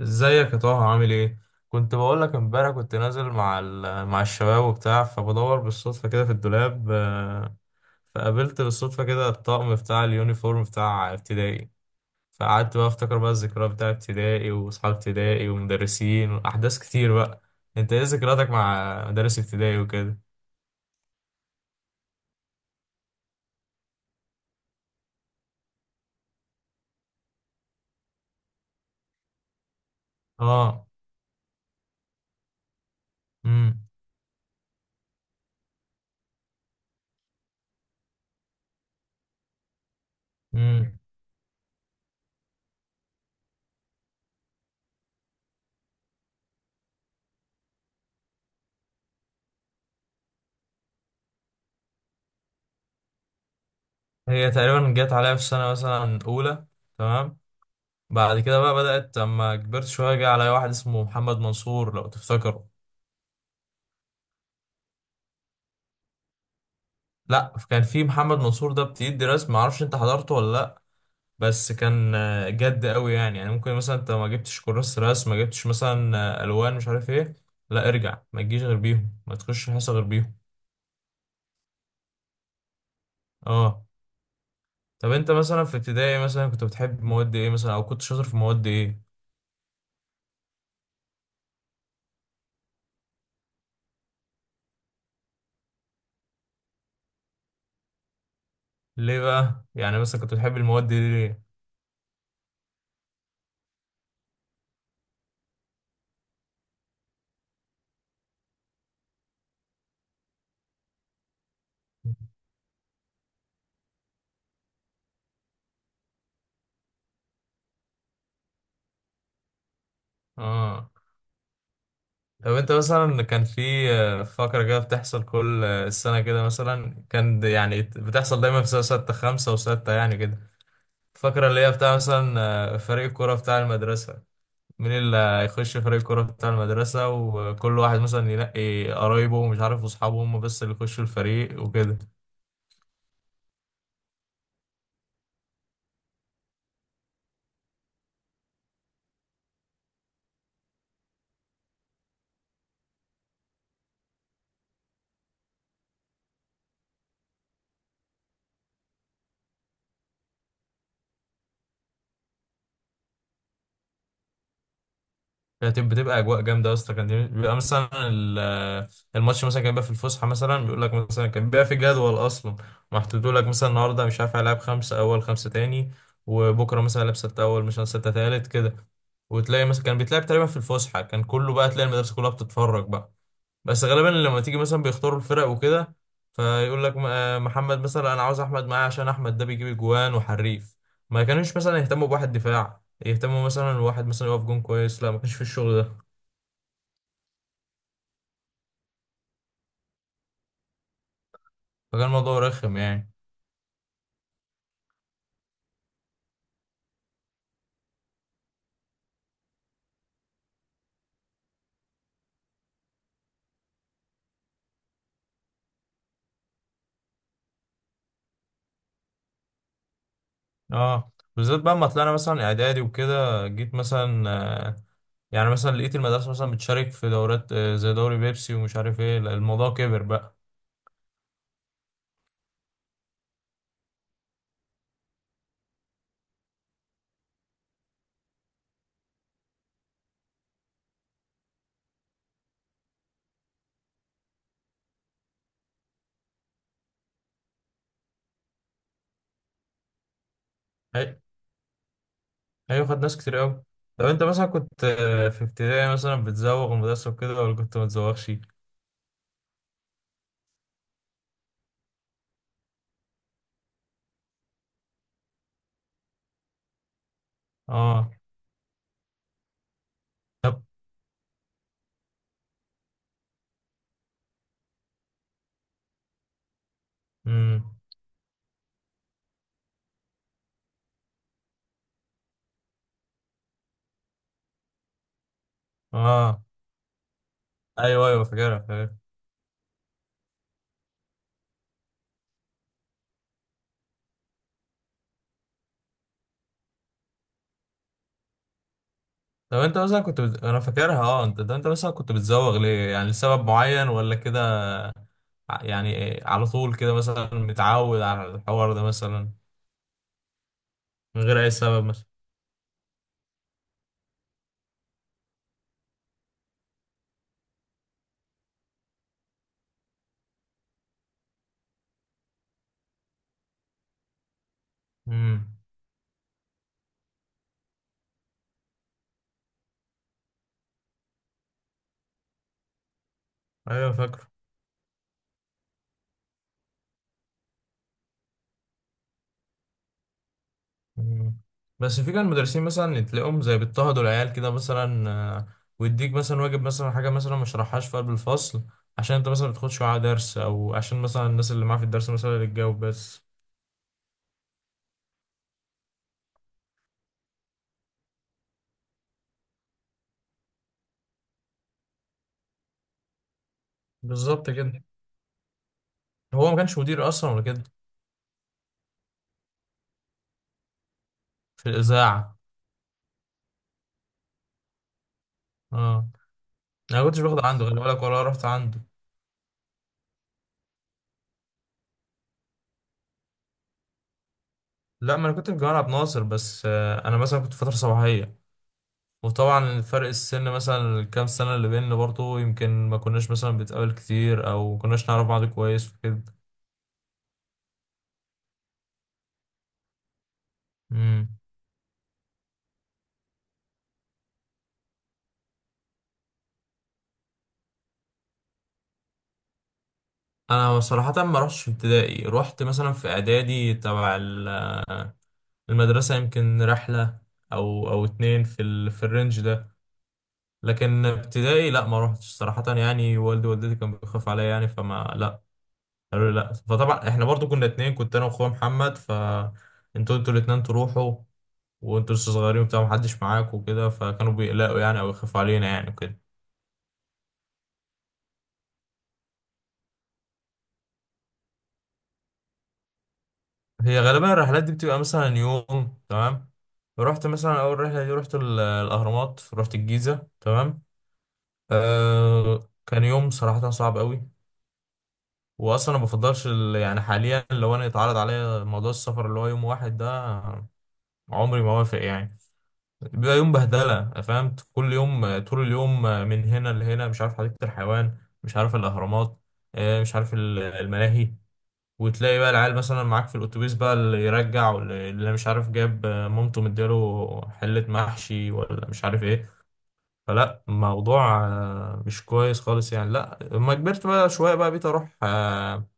ازيك يا طه؟ عامل ايه؟ كنت بقول لك امبارح كنت نازل مع الشباب وبتاع فبدور بالصدفه كده في الدولاب فقابلت بالصدفه كده الطقم بتاع اليونيفورم بتاع ابتدائي. فقعدت بقى افتكر بقى الذكريات بتاع ابتدائي واصحاب ابتدائي ومدرسين واحداث كتير بقى. انت ايه ذكرياتك مع مدارس ابتدائي وكده؟ اه. امم امم هي تقريبا جت عليا في السنه مثلا اولى. تمام. بعد كده بقى بدأت لما كبرت شوية جه عليا واحد اسمه محمد منصور، لو تفتكره. لا، كان في محمد منصور ده بتدي رسم، معرفش انت حضرته ولا لا. بس كان جد قوي يعني، ممكن مثلا انت ما جبتش كراسة رسم، ما جبتش مثلا الوان، مش عارف ايه. لا ارجع، ما تجيش غير بيهم، ما تخش حصة غير بيهم. اه. طب انت مثلا في ابتدائي مثلا كنت بتحب مواد ايه مثلا، او كنت شاطر في مواد ايه؟ ليه بقى يعني مثلا كنت بتحب المواد دي ليه؟ اه. طب انت مثلا كان في فقرة كده بتحصل كل السنة كده مثلا، يعني بتحصل دايما في سنة ستة، خمسة وستة يعني كده. الفقرة اللي هي بتاع مثلا فريق الكرة بتاع المدرسة. مين اللي هيخش فريق الكرة بتاع المدرسة؟ وكل واحد مثلا ينقي قرايبه ومش عارف واصحابه هم بس اللي يخشوا الفريق وكده. كانت بتبقى اجواء جامده يا اسطى. كان بيبقى مثلا الماتش مثلا كان بيبقى في الفسحه، مثلا بيقول لك مثلا كان بيبقى في جدول اصلا محطوط لك، مثلا النهارده مش عارف هيلعب خمسه اول، خمسه تاني، وبكره مثلا هيلعب سته اول مثلا سته تالت كده. وتلاقي مثلا كان بيتلعب تقريبا في الفسحه، كان كله بقى تلاقي المدرسه كلها بتتفرج بقى. بس غالبا لما تيجي مثلا بيختاروا الفرق وكده، فيقول لك محمد مثلا انا عاوز احمد معايا عشان احمد ده بيجيب جوان وحريف. ما كانوش مثلا يهتموا بواحد دفاع، يهتموا مثلا الواحد مثلا يقف جون كويس، لا، ما كانش في الشغل ده. فكان الموضوع رخم يعني. اه، بالذات بقى ما طلعنا مثلا اعدادي وكده جيت مثلا آه، يعني مثلا لقيت المدرسة مثلا بتشارك في دورات زي دوري بيبسي ومش عارف ايه. لا، الموضوع كبر بقى. ايوه، خد ناس كتير قوي. طب انت مثلا كنت في ابتدائي مثلا بتزوغ المدرسة وكده، ولا كنت ما بتزوغش؟ اه. طب. امم اه، ايوه ايوه فاكرها فاكرها. طب انت مثلا انا فاكرها اه. انت مثلا كنت بتزوغ ليه؟ يعني لسبب معين ولا كده؟ يعني على طول كده مثلا متعود على الحوار ده مثلا؟ من غير اي سبب مثلا؟ امم. ايوه فاكره. مم. بس في كان مدرسين مثلا تلاقيهم زي بيضطهدوا العيال كده مثلا، ويديك مثلا واجب مثلا حاجة مثلا ما شرحهاش في قلب الفصل عشان انت مثلا ما بتاخدش معاه درس، او عشان مثلا الناس اللي معاه في الدرس مثلا اللي تجاوب بس. بالظبط كده. هو ما كانش مدير اصلا ولا كده؟ في الاذاعة. اه، انا ما كنتش باخد عنده، خلي بالك، ولا رحت عنده. لا، ما انا كنت في جامعة عبد الناصر، بس انا مثلا كنت في فترة صباحية. وطبعا فرق السن مثلا الكام سنة اللي بيننا برضه، يمكن ما كناش مثلا بنتقابل كتير، او ما كناش نعرف بعض كويس وكده. مم. انا صراحة ما رحتش في ابتدائي، رحت مثلا في اعدادي تبع المدرسة يمكن رحلة، او اتنين في في الرينج ده. لكن ابتدائي لا، ما رحتش صراحة يعني، والدي ووالدتي كانوا بيخافوا عليا يعني، لا قالوا لي لا، فطبعا احنا برضو كنا اتنين، كنت انا واخويا محمد، ف انتوا الاتنين تروحوا وانتوا لسه صغيرين وبتاع، محدش معاك وكده، فكانوا بيقلقوا يعني او يخافوا علينا يعني وكده. هي غالبا الرحلات دي بتبقى مثلا يوم. تمام. رحت مثلا اول رحله دي رحت الاهرامات، رحت الجيزه. تمام. آه، كان يوم صراحه صعب قوي. واصلا ما بفضلش يعني حاليا لو انا اتعرض عليا موضوع السفر اللي هو يوم واحد ده، عمري ما وافق يعني. بيبقى يوم بهدله، فهمت، كل يوم طول اليوم من هنا لهنا، مش عارف حديقه الحيوان، مش عارف الاهرامات، مش عارف الملاهي. وتلاقي بقى العيال مثلا معاك في الاتوبيس بقى، اللي يرجع واللي مش عارف جاب مامته مديله حلة محشي، ولا مش عارف ايه. فلا، موضوع مش كويس خالص يعني. لا، لما كبرت بقى شوية بقى بقيت اروح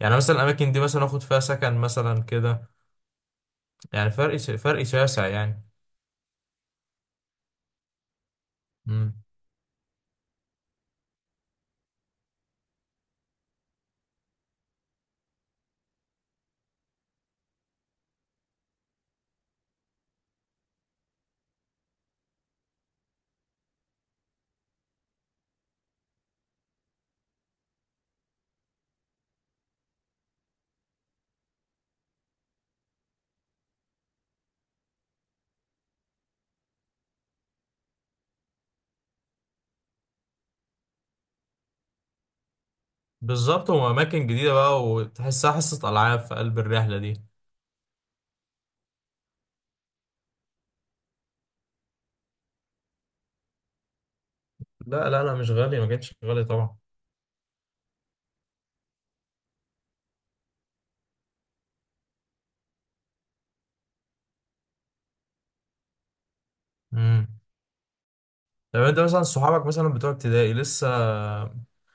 يعني مثلا الاماكن دي مثلا اخد فيها سكن مثلا كده. يعني فرق شاسع يعني. مم. بالظبط، واماكن جديدة بقى وتحسها حصة العاب في قلب الرحلة دي. لا لا لا، مش غالية، ما كانتش غالية طبعا. مم. طب انت مثلا صحابك مثلا بتوع ابتدائي لسه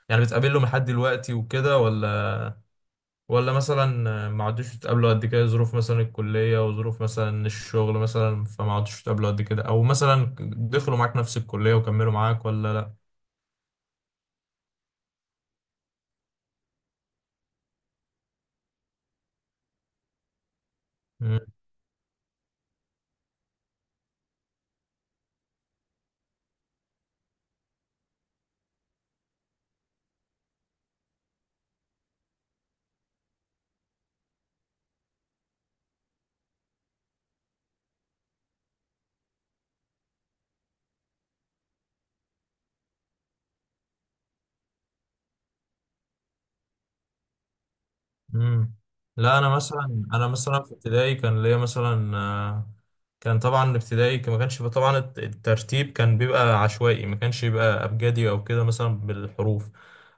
يعني بتقابلهم لحد دلوقتي وكده، ولا مثلا ما عدتوش تقابلوا قد كده، ظروف مثلا الكلية وظروف مثلا الشغل مثلا، فما عدتوش تقابلوا قد كده، او مثلا دخلوا معاك نفس الكلية وكملوا معاك، ولا؟ لا. مم. لا، انا مثلا في ابتدائي كان ليا مثلا كان طبعا الابتدائي ما كانش بيبقى، الترتيب كان بيبقى عشوائي، ما كانش بيبقى ابجدي او كده مثلا بالحروف.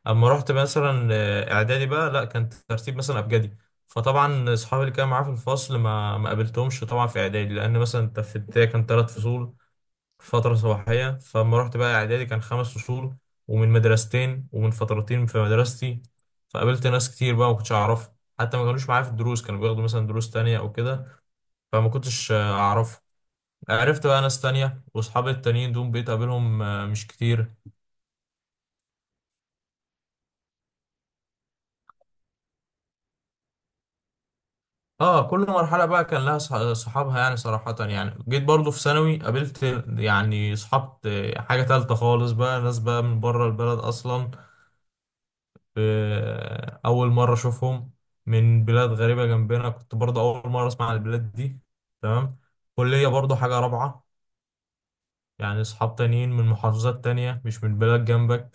اما رحت مثلا اعدادي بقى لا، كان الترتيب مثلا ابجدي. فطبعا اصحابي اللي كانوا معايا في الفصل ما قابلتهمش طبعا في اعدادي، لان مثلا انت في ابتدائي كان ثلاث فصول فترة صباحية. فلما رحت بقى إعدادي كان خمس فصول، ومن مدرستين، ومن فترتين في مدرستي. فقابلت ناس كتير بقى ما كنتش أعرفها، حتى ما كانوش معايا في الدروس، كانوا بياخدوا مثلا دروس تانية أو كده، فما كنتش أعرفهم. عرفت بقى ناس تانية، وأصحابي التانيين دول بقيت أقابلهم مش كتير. اه. كل مرحلة بقى كان لها صحابها يعني صراحة. يعني جيت برضو في ثانوي قابلت يعني صحاب حاجة تالتة خالص بقى، ناس بقى من بره البلد أصلا. أول مرة أشوفهم، من بلاد غريبة جنبنا، كنت برضه أول مرة أسمع عن البلاد دي. تمام. كلية برضه حاجة رابعة، يعني أصحاب تانيين من محافظات تانية، مش من بلاد جنبك.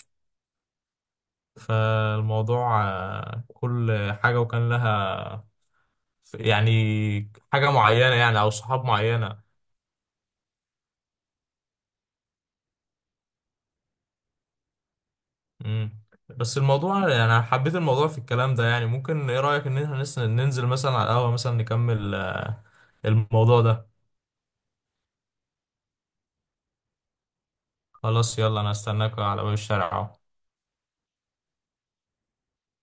فالموضوع كل حاجة وكان لها يعني حاجة معينة يعني، أو صحاب معينة. مم. بس الموضوع يعني أنا حبيت الموضوع في الكلام ده يعني، ممكن إيه رأيك إن إحنا ننزل مثلا على القهوة مثلا نكمل الموضوع ده؟ خلاص يلا، أنا هستناك على باب الشارع أهو.